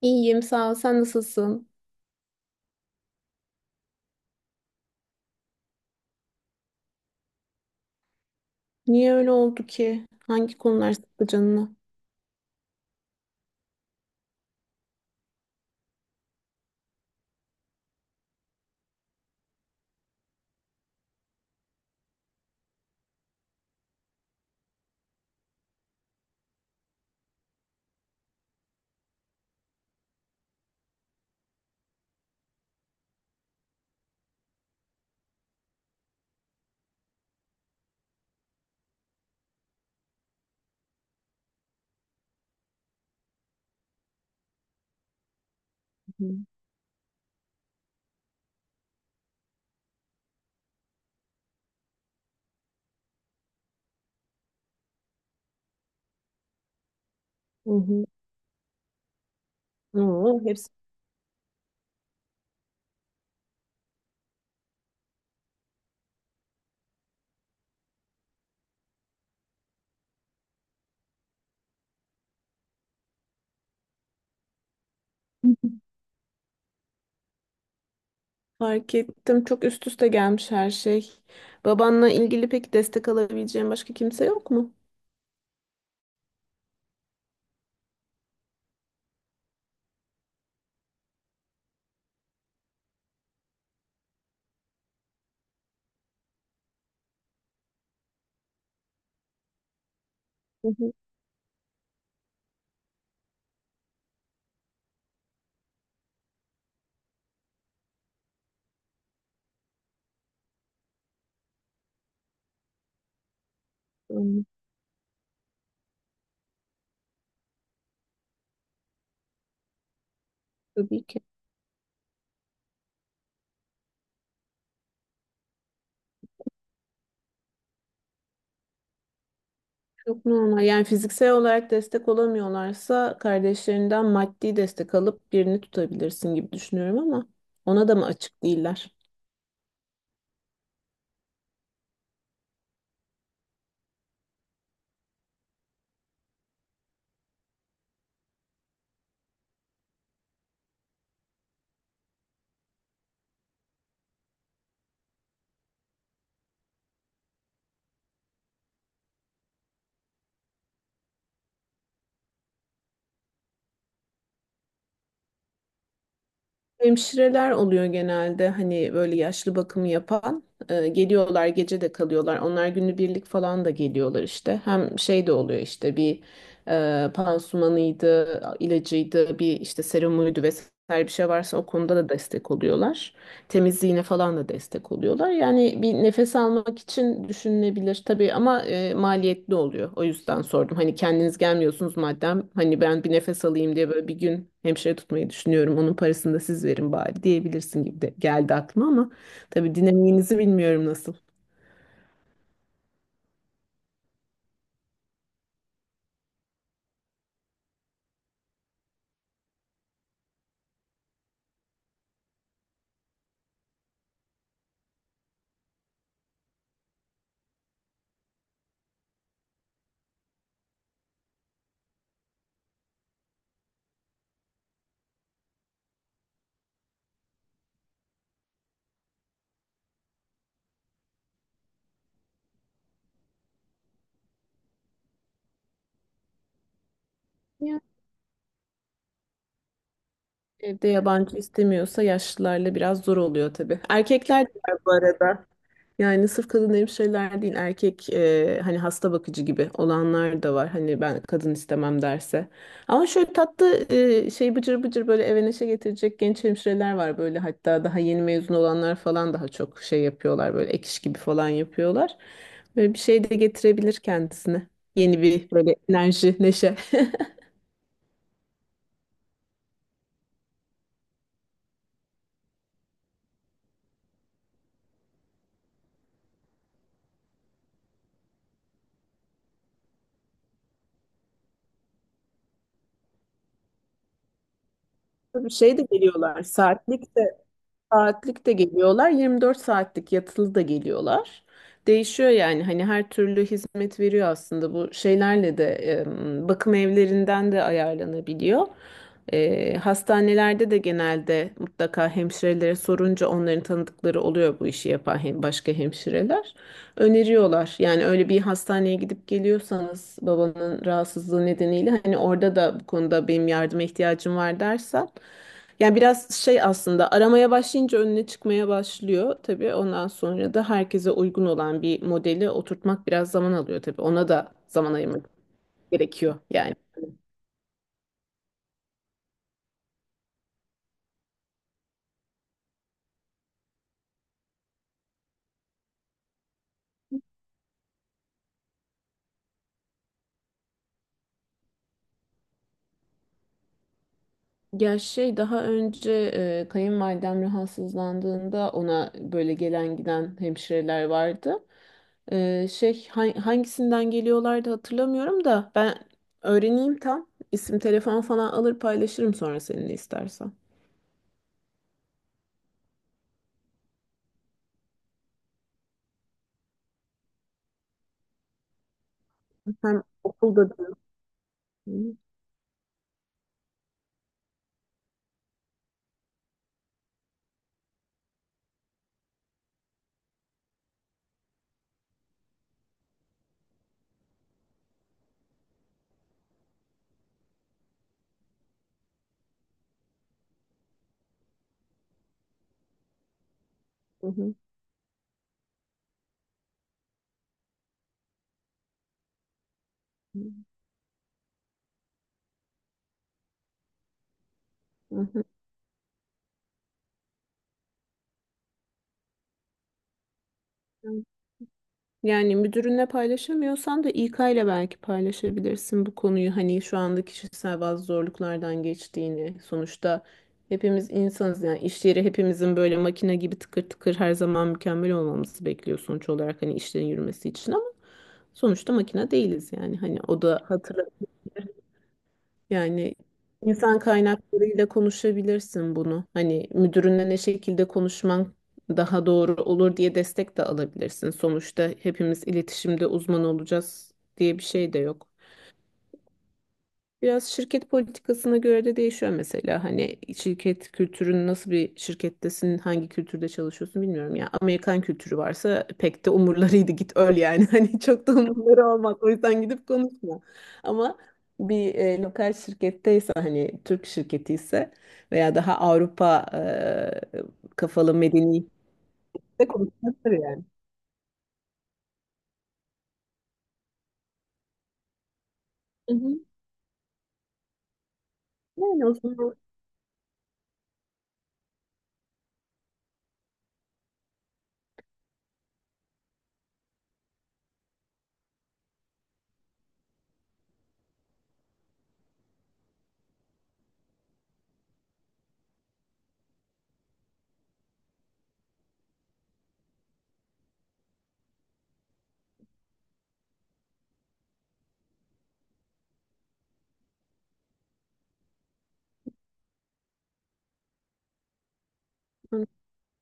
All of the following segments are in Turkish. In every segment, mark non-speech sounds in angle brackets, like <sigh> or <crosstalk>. İyiyim, sağ ol. Sen nasılsın? Niye öyle oldu ki? Hangi konular sıktı canını? Hı hı. Oo, hepsi. Fark ettim. Çok üst üste gelmiş her şey. Babanla ilgili peki destek alabileceğin başka kimse yok mu? Hı hı. Anladım. Tabii ki. Çok normal. Yani fiziksel olarak destek olamıyorlarsa kardeşlerinden maddi destek alıp birini tutabilirsin gibi düşünüyorum ama ona da mı açık değiller? Hemşireler oluyor genelde hani böyle yaşlı bakımı yapan. Geliyorlar gece de kalıyorlar, onlar günübirlik falan da geliyorlar, işte hem şey de oluyor, işte bir pansumanıydı ilacıydı, bir işte serumuydu vesaire bir şey varsa o konuda da destek oluyorlar, temizliğine falan da destek oluyorlar. Yani bir nefes almak için düşünülebilir tabii ama maliyetli oluyor. O yüzden sordum. Hani kendiniz gelmiyorsunuz madem, hani ben bir nefes alayım diye böyle bir gün hemşire tutmayı düşünüyorum. Onun parasını da siz verin bari diyebilirsin gibi de geldi aklıma ama tabii dinamiğinizi bilmiyorum nasıl. Ya. Evde yabancı istemiyorsa yaşlılarla biraz zor oluyor tabii. Erkekler de var bu arada. Yani sırf kadın hemşireler değil, erkek hani hasta bakıcı gibi olanlar da var. Hani ben kadın istemem derse. Ama şöyle tatlı şey bıcır bıcır böyle eve neşe getirecek genç hemşireler var böyle, hatta daha yeni mezun olanlar falan daha çok şey yapıyorlar, böyle ek iş gibi falan yapıyorlar. Böyle bir şey de getirebilir kendisine. Yeni bir böyle enerji, neşe. <laughs> Bir şey de geliyorlar, saatlik de saatlik de geliyorlar, 24 saatlik yatılı da geliyorlar. Değişiyor yani, hani her türlü hizmet veriyor aslında. Bu şeylerle de bakım evlerinden de ayarlanabiliyor. Hastanelerde de genelde mutlaka hemşirelere sorunca onların tanıdıkları oluyor bu işi yapan, hem başka hemşireler öneriyorlar. Yani öyle bir hastaneye gidip geliyorsanız babanın rahatsızlığı nedeniyle, hani orada da bu konuda benim yardıma ihtiyacım var dersen, yani biraz şey, aslında aramaya başlayınca önüne çıkmaya başlıyor tabii. Ondan sonra da herkese uygun olan bir modeli oturtmak biraz zaman alıyor tabii. Ona da zaman ayırmak gerekiyor yani. Ya şey, daha önce kayınvalidem rahatsızlandığında ona böyle gelen giden hemşireler vardı. Şey, hangisinden geliyorlardı hatırlamıyorum da, ben öğreneyim tam. İsim telefon falan alır paylaşırım sonra seninle istersen. Hem okulda da. Hı hı. Hı hı. Yani müdürünle paylaşamıyorsan da İK ile belki paylaşabilirsin bu konuyu. Hani şu anda kişisel bazı zorluklardan geçtiğini. Sonuçta hepimiz insanız, yani iş yeri hepimizin böyle makine gibi tıkır tıkır her zaman mükemmel olmamızı bekliyor sonuç olarak, hani işlerin yürümesi için, ama sonuçta makine değiliz yani. Hani o da hatırla. Yani insan kaynaklarıyla konuşabilirsin bunu. Hani müdürünle ne şekilde konuşman daha doğru olur diye destek de alabilirsin. Sonuçta hepimiz iletişimde uzman olacağız diye bir şey de yok. Biraz şirket politikasına göre de değişiyor mesela. Hani şirket kültürün, nasıl bir şirkettesin, hangi kültürde çalışıyorsun bilmiyorum ya. Amerikan kültürü varsa pek de umurlarıydı, git öl yani. <laughs> Hani çok da umurları olmaz. O yüzden gidip konuşma. Ama bir lokal şirketteyse, hani Türk şirketi ise veya daha Avrupa kafalı medeni de konuşulabilir yani. Hı hı. Yani o zaman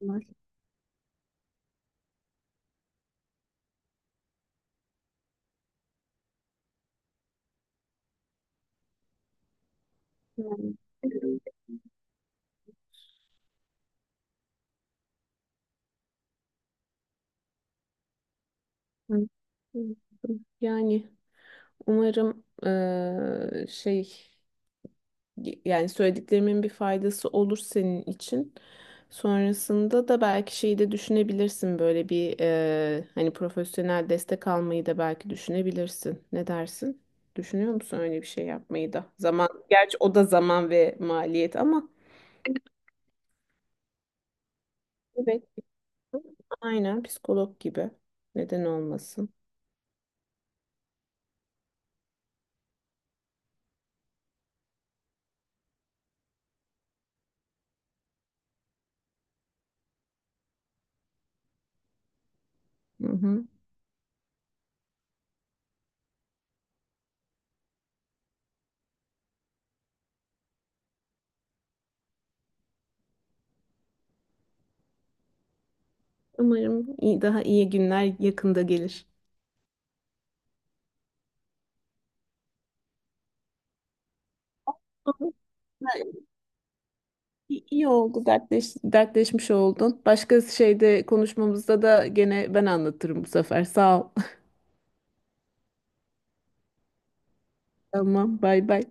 konuşulmaz. Yani. Hı. Yani umarım şey, yani söylediklerimin bir faydası olur senin için. Sonrasında da belki şeyi de düşünebilirsin, böyle bir hani profesyonel destek almayı da belki düşünebilirsin. Ne dersin? Düşünüyor musun öyle bir şey yapmayı da? Zaman, gerçi o da zaman ve maliyet ama evet, aynen psikolog gibi. Neden olmasın? Hı hı. Umarım iyi, daha iyi günler yakında gelir. Olur. İyi iyi oldu, dertleşmiş oldun. Başka şeyde konuşmamızda da gene ben anlatırım bu sefer. Sağ ol. <laughs> Tamam, bay bay.